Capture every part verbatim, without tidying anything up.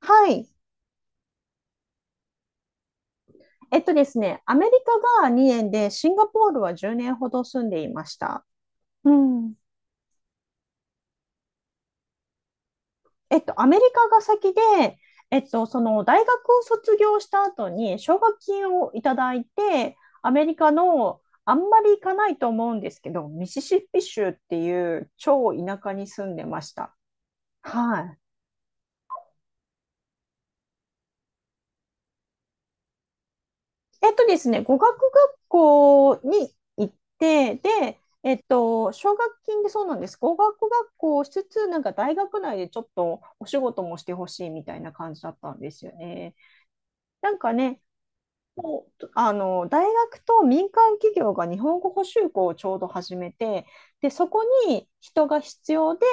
はい。えっとですね、アメリカがにねんで、シンガポールはじゅうねんほど住んでいました。うん。えっと、アメリカが先で、えっと、その大学を卒業した後に奨学金をいただいて、アメリカのあんまり行かないと思うんですけど、ミシシッピ州っていう超田舎に住んでました。はい。えっとですね、語学学校に行って、で、えっと、奨学金でそうなんです。語学学校をしつつ、なんか大学内でちょっとお仕事もしてほしいみたいな感じだったんですよね。なんかね、あの大学と民間企業が日本語補習校をちょうど始めて、でそこに人が必要で、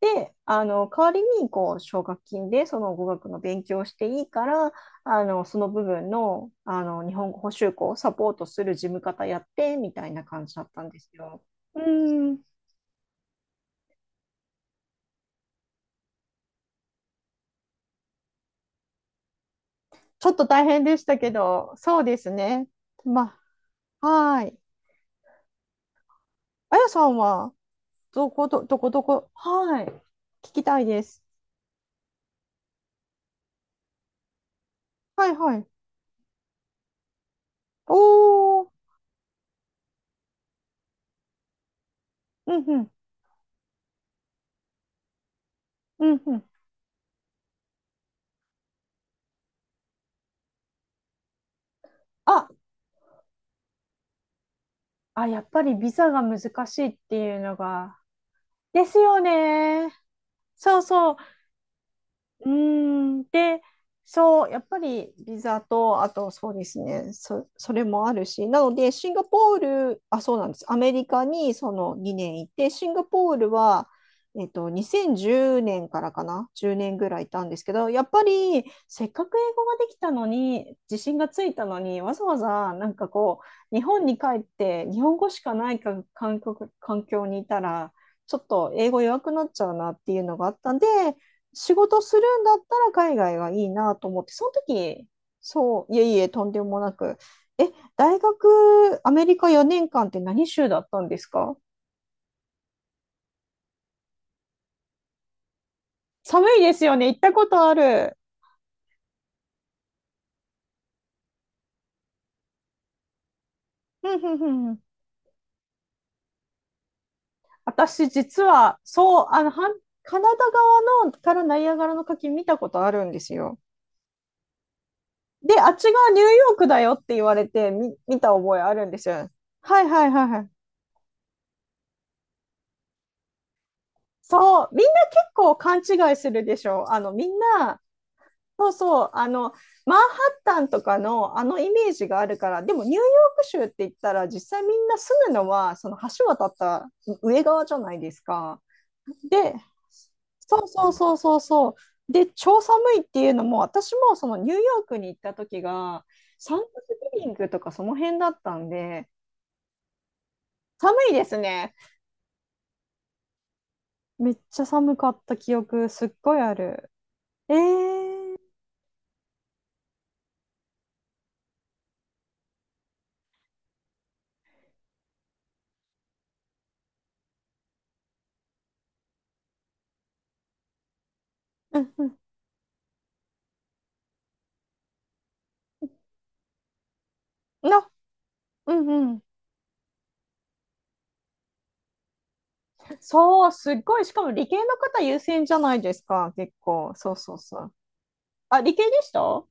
であの代わりにこう奨学金でその語学の勉強をしていいから、あのその部分の、あの日本語補習校をサポートする事務方やってみたいな感じだったんですよ。うん、ちょっと大変でしたけど、そうですね。まあ、はい。あやさんは、どこど、どこどこ、はい。聞きたいです。はいはい。おー、うんうん、うんうん。あ、あ、やっぱりビザが難しいっていうのが。ですよね。そうそう。うーん、で、そう、やっぱりビザと、あとそうですね、そ、それもあるし、なので、シンガポール、あ、そうなんです、アメリカにそのにねんいて、シンガポールは、えっと、にせんじゅうねんからかな、じゅうねんぐらいいたんですけど、やっぱりせっかく英語ができたのに、自信がついたのに、わざわざなんかこう、日本に帰って、日本語しかないか環境、環境にいたら、ちょっと英語弱くなっちゃうなっていうのがあったんで、仕事するんだったら海外がいいなと思って、その時、そう、いえいえ、とんでもなく、え、大学、アメリカよねんかんって何州だったんですか？寒いですよね、行ったことある。ふんふんふんふん。私、実は、そう、あの、はんカナダ側のからナイアガラの滝見たことあるんですよ。で、あっちがニューヨークだよって言われて見、見た覚えあるんですよ。はいはいはいはい。そう、みんな結構勘違いするでしょ。あの、みんな、そうそう、あの、マンハッタンとかのあのイメージがあるから、でもニューヨーク州って言ったら、実際みんな住むのは、その橋渡った上側じゃないですか。で、そうそうそうそうそう。で、超寒いっていうのも、私もそのニューヨークに行った時が、サンクスギビングとかその辺だったんで、寒いですね。めっちゃ寒かった記憶、すっごいある。えー、うんうん。な、うんうん。そう、すっごい。しかも理系の方優先じゃないですか、結構。そうそうそう。あ、理系でした？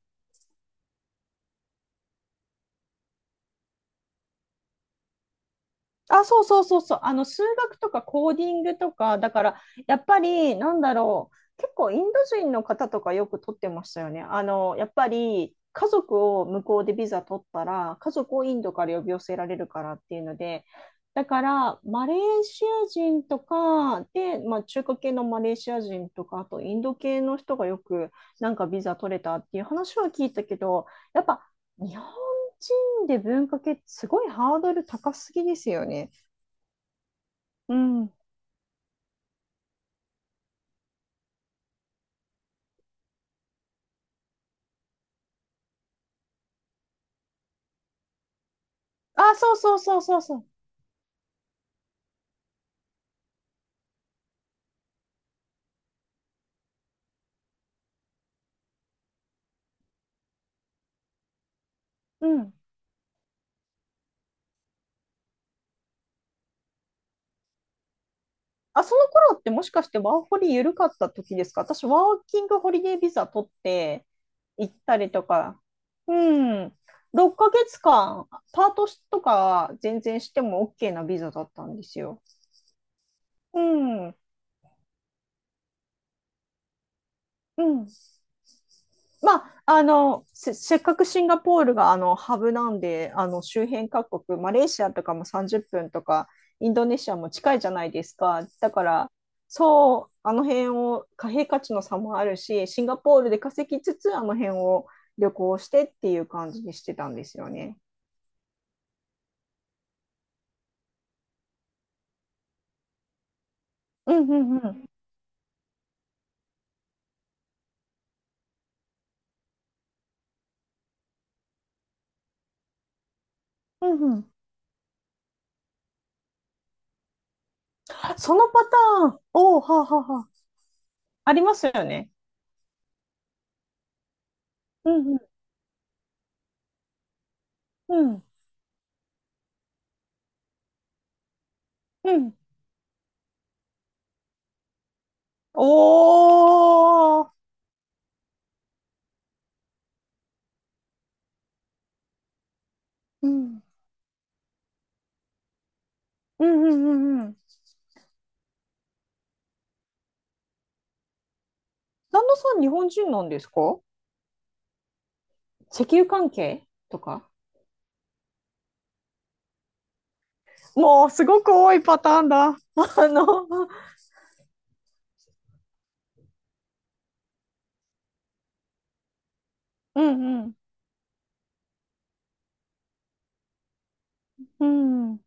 あ、そうそうそうそう。あの、数学とかコーディングとか、だから、やっぱり、なんだろう。結構、インド人の方とかよく取ってましたよね。あの、やっぱり、家族を向こうでビザ取ったら、家族をインドから呼び寄せられるからっていうので、だから、マレーシア人とか、で、まあ、中華系のマレーシア人とか、あと、インド系の人がよく、なんかビザ取れたっていう話は聞いたけど、やっぱ、日本人で文化系ってすごいハードル高すぎですよね。うん。あ、そうそうそうそうそう。うん。あ、その頃ってもしかしてワーホリ緩かった時ですか？私、ワーキングホリデービザ取って行ったりとか。うん。ろっかげつかん、パートとか全然しても OK なビザだったんですよ。うん。うん。まあ、あの、せ、せっかくシンガポールがあのハブなんで、あの周辺各国、マレーシアとかもさんじゅっぷんとか、インドネシアも近いじゃないですか。だから、そう、あの辺を貨幣価値の差もあるし、シンガポールで稼ぎつつ、あの辺を旅行してっていう感じにしてたんですよね。うんうんうん。うんうん。そのパターン、おお、はあはあはあ、ありますよね。うんうんうんうん。おお、うんうんうんうんうん。旦那さん日本人なんですか？石油関係とか？もうすごく多いパターンだ。あの、うんうん。うん。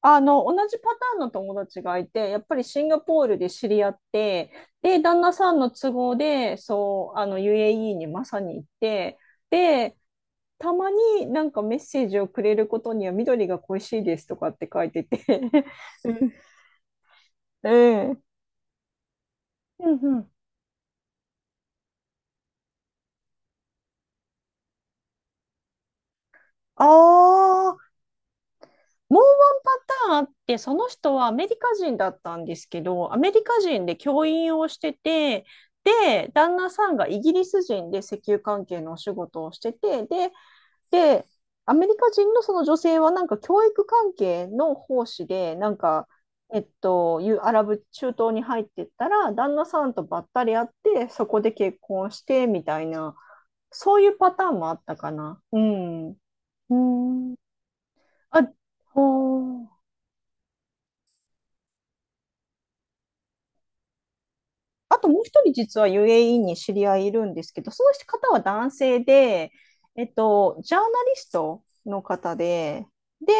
あの、同じパターンの友達がいて、やっぱりシンガポールで知り合って、で、旦那さんの都合で、そう、あの、ユーエーイー にまさに行って、で、たまになんかメッセージをくれることには緑が恋しいですとかって書いてて うんうん。うんああ。もうワンパターンあって、その人はアメリカ人だったんですけど、アメリカ人で教員をしてて、で、旦那さんがイギリス人で石油関係のお仕事をしてて、で、で、アメリカ人のその女性はなんか教育関係の奉仕で、なんか、えっと、いうアラブ中東に入ってったら、旦那さんとばったり会って、そこで結婚してみたいな、そういうパターンもあったかな。うん。うん。あ、ほー、あともう一人実は ユーエーイー に知り合いいるんですけど、その方は男性で、えっと、ジャーナリストの方で、で、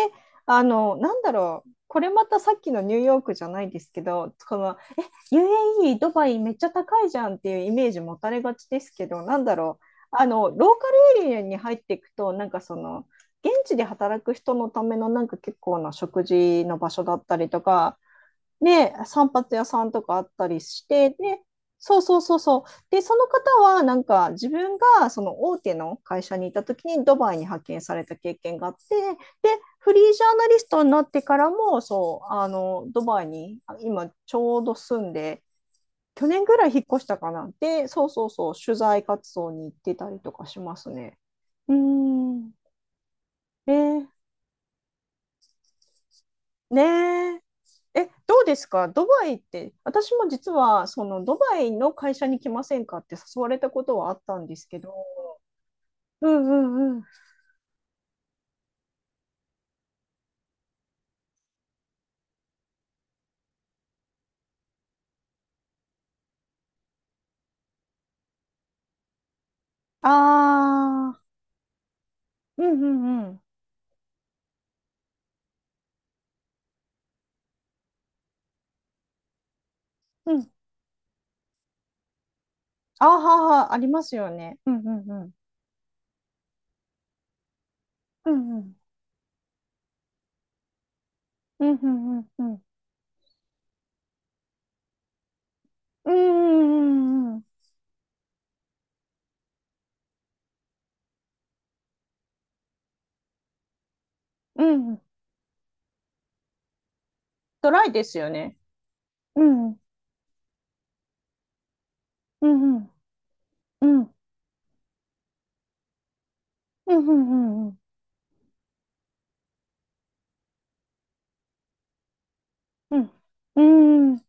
あの、なんだろう、これまたさっきのニューヨークじゃないですけど、この ユーエーイー、ドバイめっちゃ高いじゃんっていうイメージ持たれがちですけど、なんだろう、あの、ローカルエリアに入っていくと、なんかその、現地で働く人のためのなんか結構な食事の場所だったりとか、で、散髪屋さんとかあったりして、で、そうそうそうそう。で、その方は、なんか、自分が、その大手の会社にいた時に、ドバイに派遣された経験があって、で、フリージャーナリストになってからも、そう、あの、ドバイに、あ今、ちょうど住んで、去年ぐらい引っ越したかな。で、そうそうそう、取材活動に行ってたりとかしますね。うーん。えーねえ。え、どうですかドバイって？私も実は、その、ドバイの会社に来ませんかって誘われたことはあったんですけど、うんうんうん。ああ、うんうんうん。うん。あーはーはー、ありますよね。うんうんうん。うんうん。うんうんうんうん。うんうんうんうん。うん。ドライですよね。うん。うんうん。うん。うんうんうんうん。うん。うん。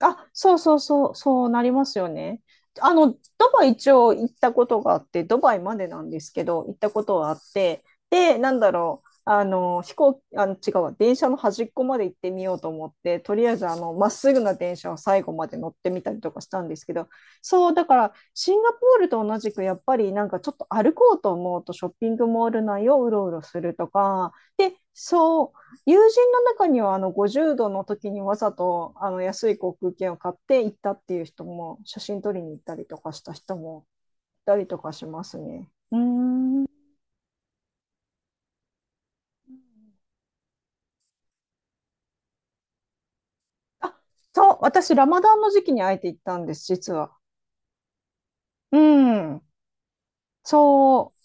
あ、そうそうそう、そうなりますよね。あの、ドバイ一応行ったことがあって、ドバイまでなんですけど、行ったことはあって、で、なんだろう、あの、飛行、あの、違うわ、電車の端っこまで行ってみようと思って、とりあえず、あの、まっすぐな電車を最後まで乗ってみたりとかしたんですけど、そう、だから、シンガポールと同じく、やっぱり、なんかちょっと歩こうと思うと、ショッピングモール内をうろうろするとか、で、そう、友人の中にはあのごじゅうどの時にわざとあの安い航空券を買って行ったっていう人も写真撮りに行ったりとかした人もいたりとかしますね。うーん。あそう、私ラマダンの時期にあえて行ったんです、実は。うん、そう。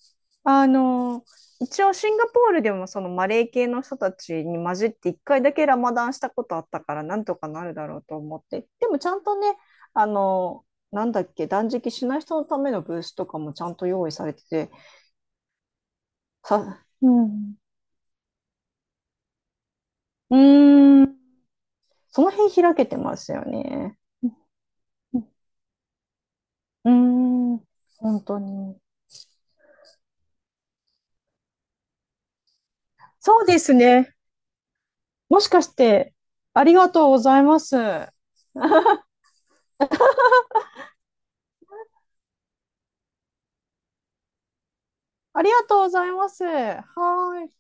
あの、一応シンガポールでもそのマレー系の人たちに混じって一回だけラマダンしたことあったからなんとかなるだろうと思って。でもちゃんとね、あの、なんだっけ、断食しない人のためのブースとかもちゃんと用意されてて、さ、うん。うーん。その辺開けてますよね。うんうーん。本当に。そうですね。もしかして、ありがとうございます。ありがとうございます。はーい。